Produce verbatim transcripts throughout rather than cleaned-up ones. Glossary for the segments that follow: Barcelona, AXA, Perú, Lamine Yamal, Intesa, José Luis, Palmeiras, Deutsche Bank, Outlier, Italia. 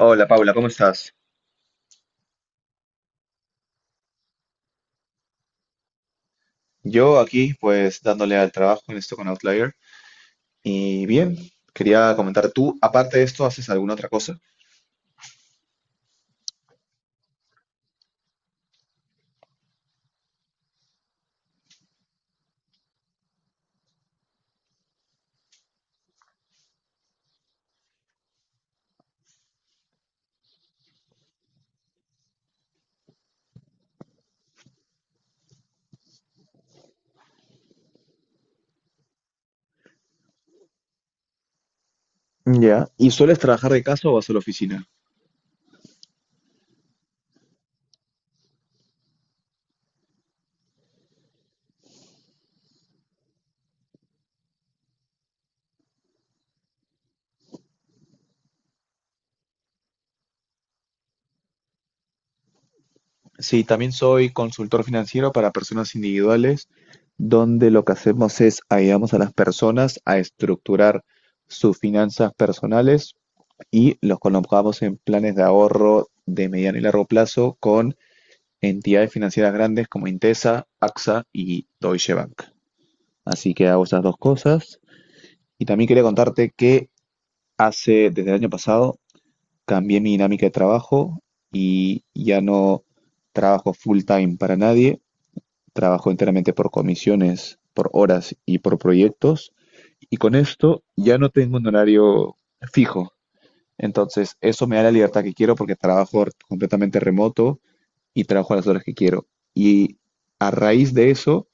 Hola Paula, ¿cómo estás? Yo aquí, pues dándole al trabajo en esto con Outlier. Y bien, quería comentar, ¿tú aparte de esto haces alguna otra cosa? Ya. ¿Y sueles trabajar de casa o vas a la oficina? Sí, también soy consultor financiero para personas individuales, donde lo que hacemos es ayudamos a las personas a estructurar sus finanzas personales y los colocamos en planes de ahorro de mediano y largo plazo con entidades financieras grandes como Intesa, A X A y Deutsche Bank. Así que hago esas dos cosas. Y también quería contarte que hace, desde el año pasado, cambié mi dinámica de trabajo y ya no trabajo full time para nadie, trabajo enteramente por comisiones, por horas y por proyectos. Y con esto ya no tengo un horario fijo. Entonces, eso me da la libertad que quiero porque trabajo completamente remoto y trabajo a las horas que quiero. Y a raíz de eso,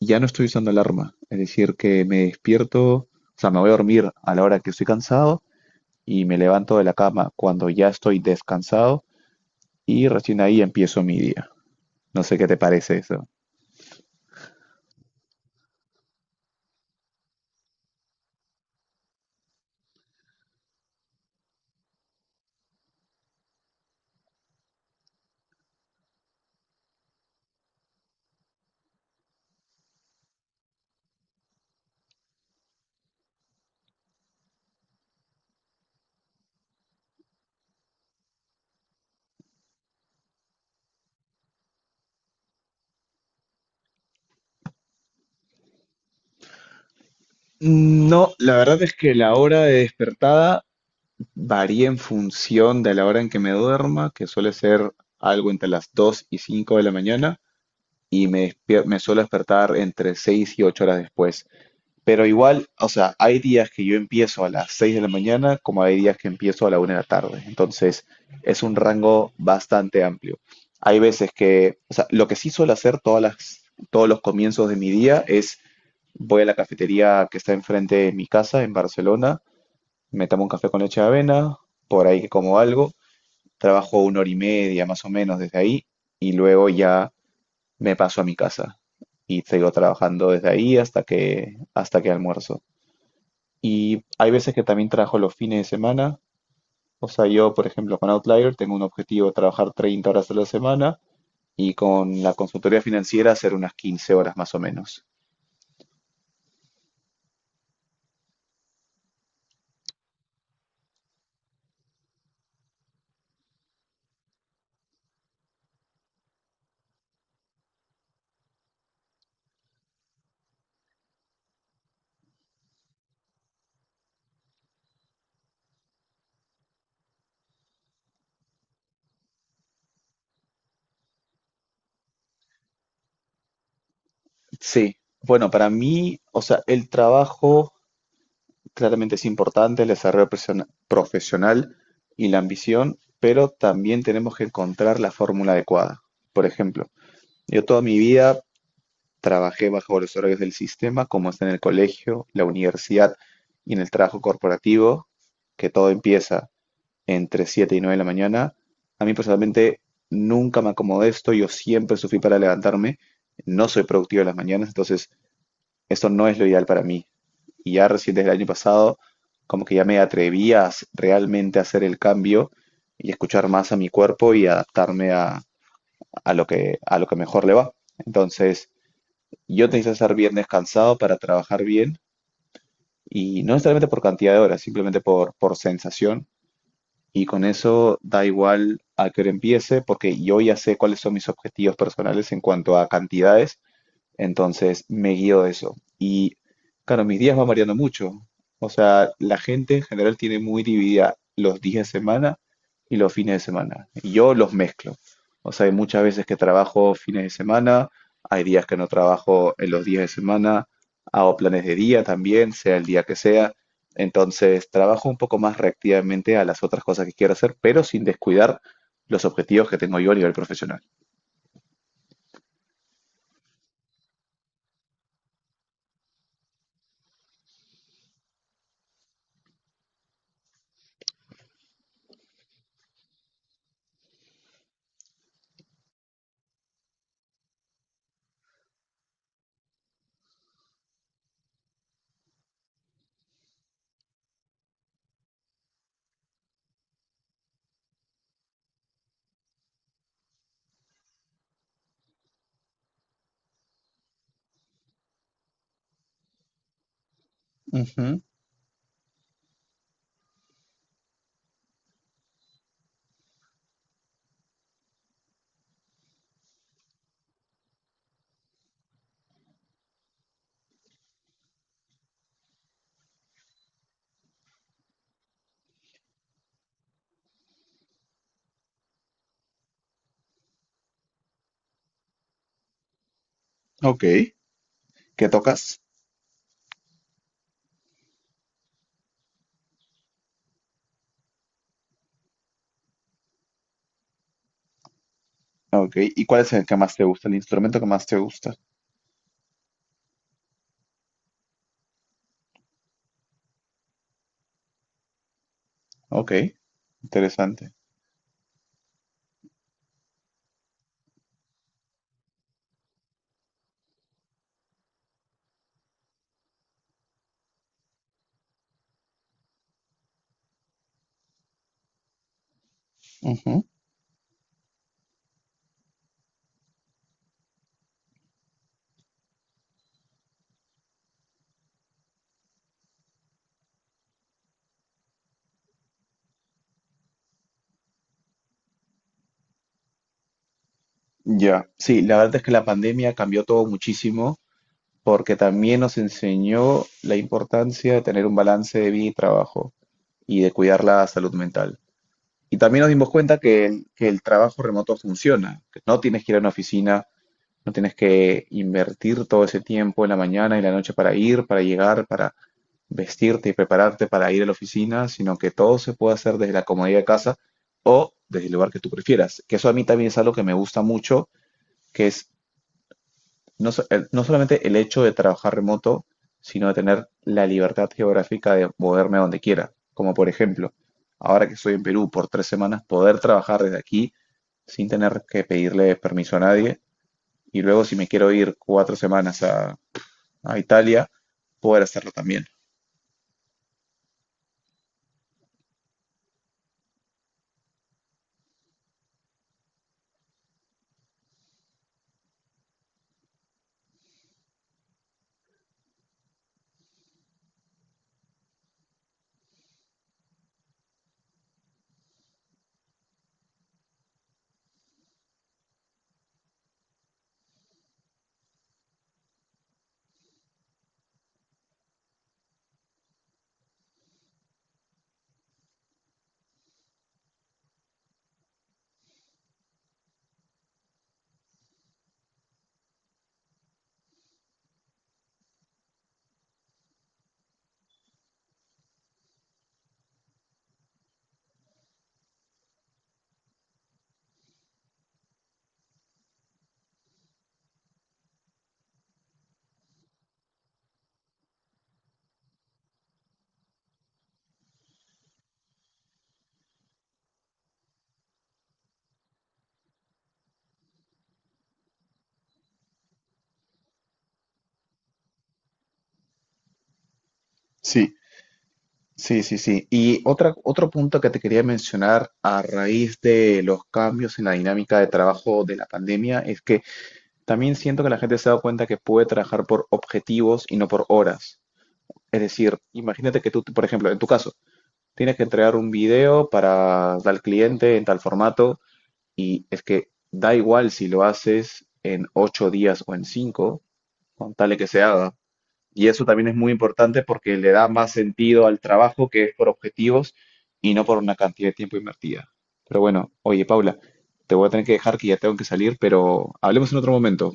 ya no estoy usando alarma. Es decir, que me despierto, o sea, me voy a dormir a la hora que estoy cansado y me levanto de la cama cuando ya estoy descansado y recién ahí empiezo mi día. No sé qué te parece eso. No, la verdad es que la hora de despertada varía en función de la hora en que me duerma, que suele ser algo entre las dos y cinco de la mañana, y me, despier- me suelo despertar entre seis y ocho horas después. Pero igual, o sea, hay días que yo empiezo a las seis de la mañana, como hay días que empiezo a la una de la tarde. Entonces, es un rango bastante amplio. Hay veces que, o sea, lo que sí suelo hacer todas las, todos los comienzos de mi día es voy a la cafetería que está enfrente de mi casa en Barcelona, me tomo un café con leche de avena, por ahí que como algo, trabajo una hora y media más o menos desde ahí y luego ya me paso a mi casa y sigo trabajando desde ahí hasta que, hasta que almuerzo. Y hay veces que también trabajo los fines de semana. O sea, yo, por ejemplo, con Outlier tengo un objetivo de trabajar treinta horas a la semana y con la consultoría financiera hacer unas quince horas más o menos. Sí, bueno, para mí, o sea, el trabajo claramente es importante, el desarrollo persona- profesional y la ambición, pero también tenemos que encontrar la fórmula adecuada. Por ejemplo, yo toda mi vida trabajé bajo los horarios del sistema, como está en el colegio, la universidad y en el trabajo corporativo, que todo empieza entre siete y nueve de la mañana. A mí personalmente nunca me acomodé esto, yo siempre sufrí para levantarme, no soy productivo en las mañanas, entonces esto no es lo ideal para mí. Y ya recién desde el año pasado, como que ya me atreví a s- realmente hacer el cambio y escuchar más a mi cuerpo y adaptarme a, a lo que, a lo que mejor le va. Entonces, yo necesito estar bien descansado para trabajar bien y no necesariamente por cantidad de horas, simplemente por, por sensación. Y con eso da igual a qué hora empiece, porque yo ya sé cuáles son mis objetivos personales en cuanto a cantidades entonces me guío de eso. Y claro, mis días van variando mucho. O sea, la gente en general tiene muy dividida los días de semana y los fines de semana. Y yo los mezclo. O sea, hay muchas veces que trabajo fines de semana, hay días que no trabajo en los días de semana, hago planes de día también, sea el día que sea. Entonces, trabajo un poco más reactivamente a las otras cosas que quiero hacer, pero sin descuidar los objetivos que tengo yo a nivel profesional. Ujú. Ok. ¿Qué tocas? Ok, ¿y cuál es el que más te gusta? El instrumento que más te gusta. Ok, interesante. Ujú. Ya. Sí, la verdad es que la pandemia cambió todo muchísimo porque también nos enseñó la importancia de tener un balance de vida y trabajo y de cuidar la salud mental. Y también nos dimos cuenta que el, que el trabajo remoto funciona, que no tienes que ir a una oficina, no tienes que invertir todo ese tiempo en la mañana y la noche para ir, para llegar, para vestirte y prepararte para ir a la oficina, sino que todo se puede hacer desde la comodidad de casa o desde el lugar que tú prefieras. Que eso a mí también es algo que me gusta mucho, que es no, so- el- no solamente el hecho de trabajar remoto, sino de tener la libertad geográfica de moverme a donde quiera. Como por ejemplo, ahora que estoy en Perú por tres semanas, poder trabajar desde aquí sin tener que pedirle permiso a nadie. Y luego si me quiero ir cuatro semanas a, a, Italia, poder hacerlo también. Sí, sí, sí, sí. Y otra, otro punto que te quería mencionar a raíz de los cambios en la dinámica de trabajo de la pandemia es que también siento que la gente se ha dado cuenta que puede trabajar por objetivos y no por horas. Es decir, imagínate que tú, por ejemplo, en tu caso, tienes que entregar un video para tal cliente en tal formato y es que da igual si lo haces en ocho días o en cinco, con tal de que se haga. Y eso también es muy importante porque le da más sentido al trabajo que es por objetivos y no por una cantidad de tiempo invertida. Pero bueno, oye, Paula, te voy a tener que dejar que ya tengo que salir, pero hablemos en otro momento.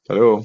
Hasta luego.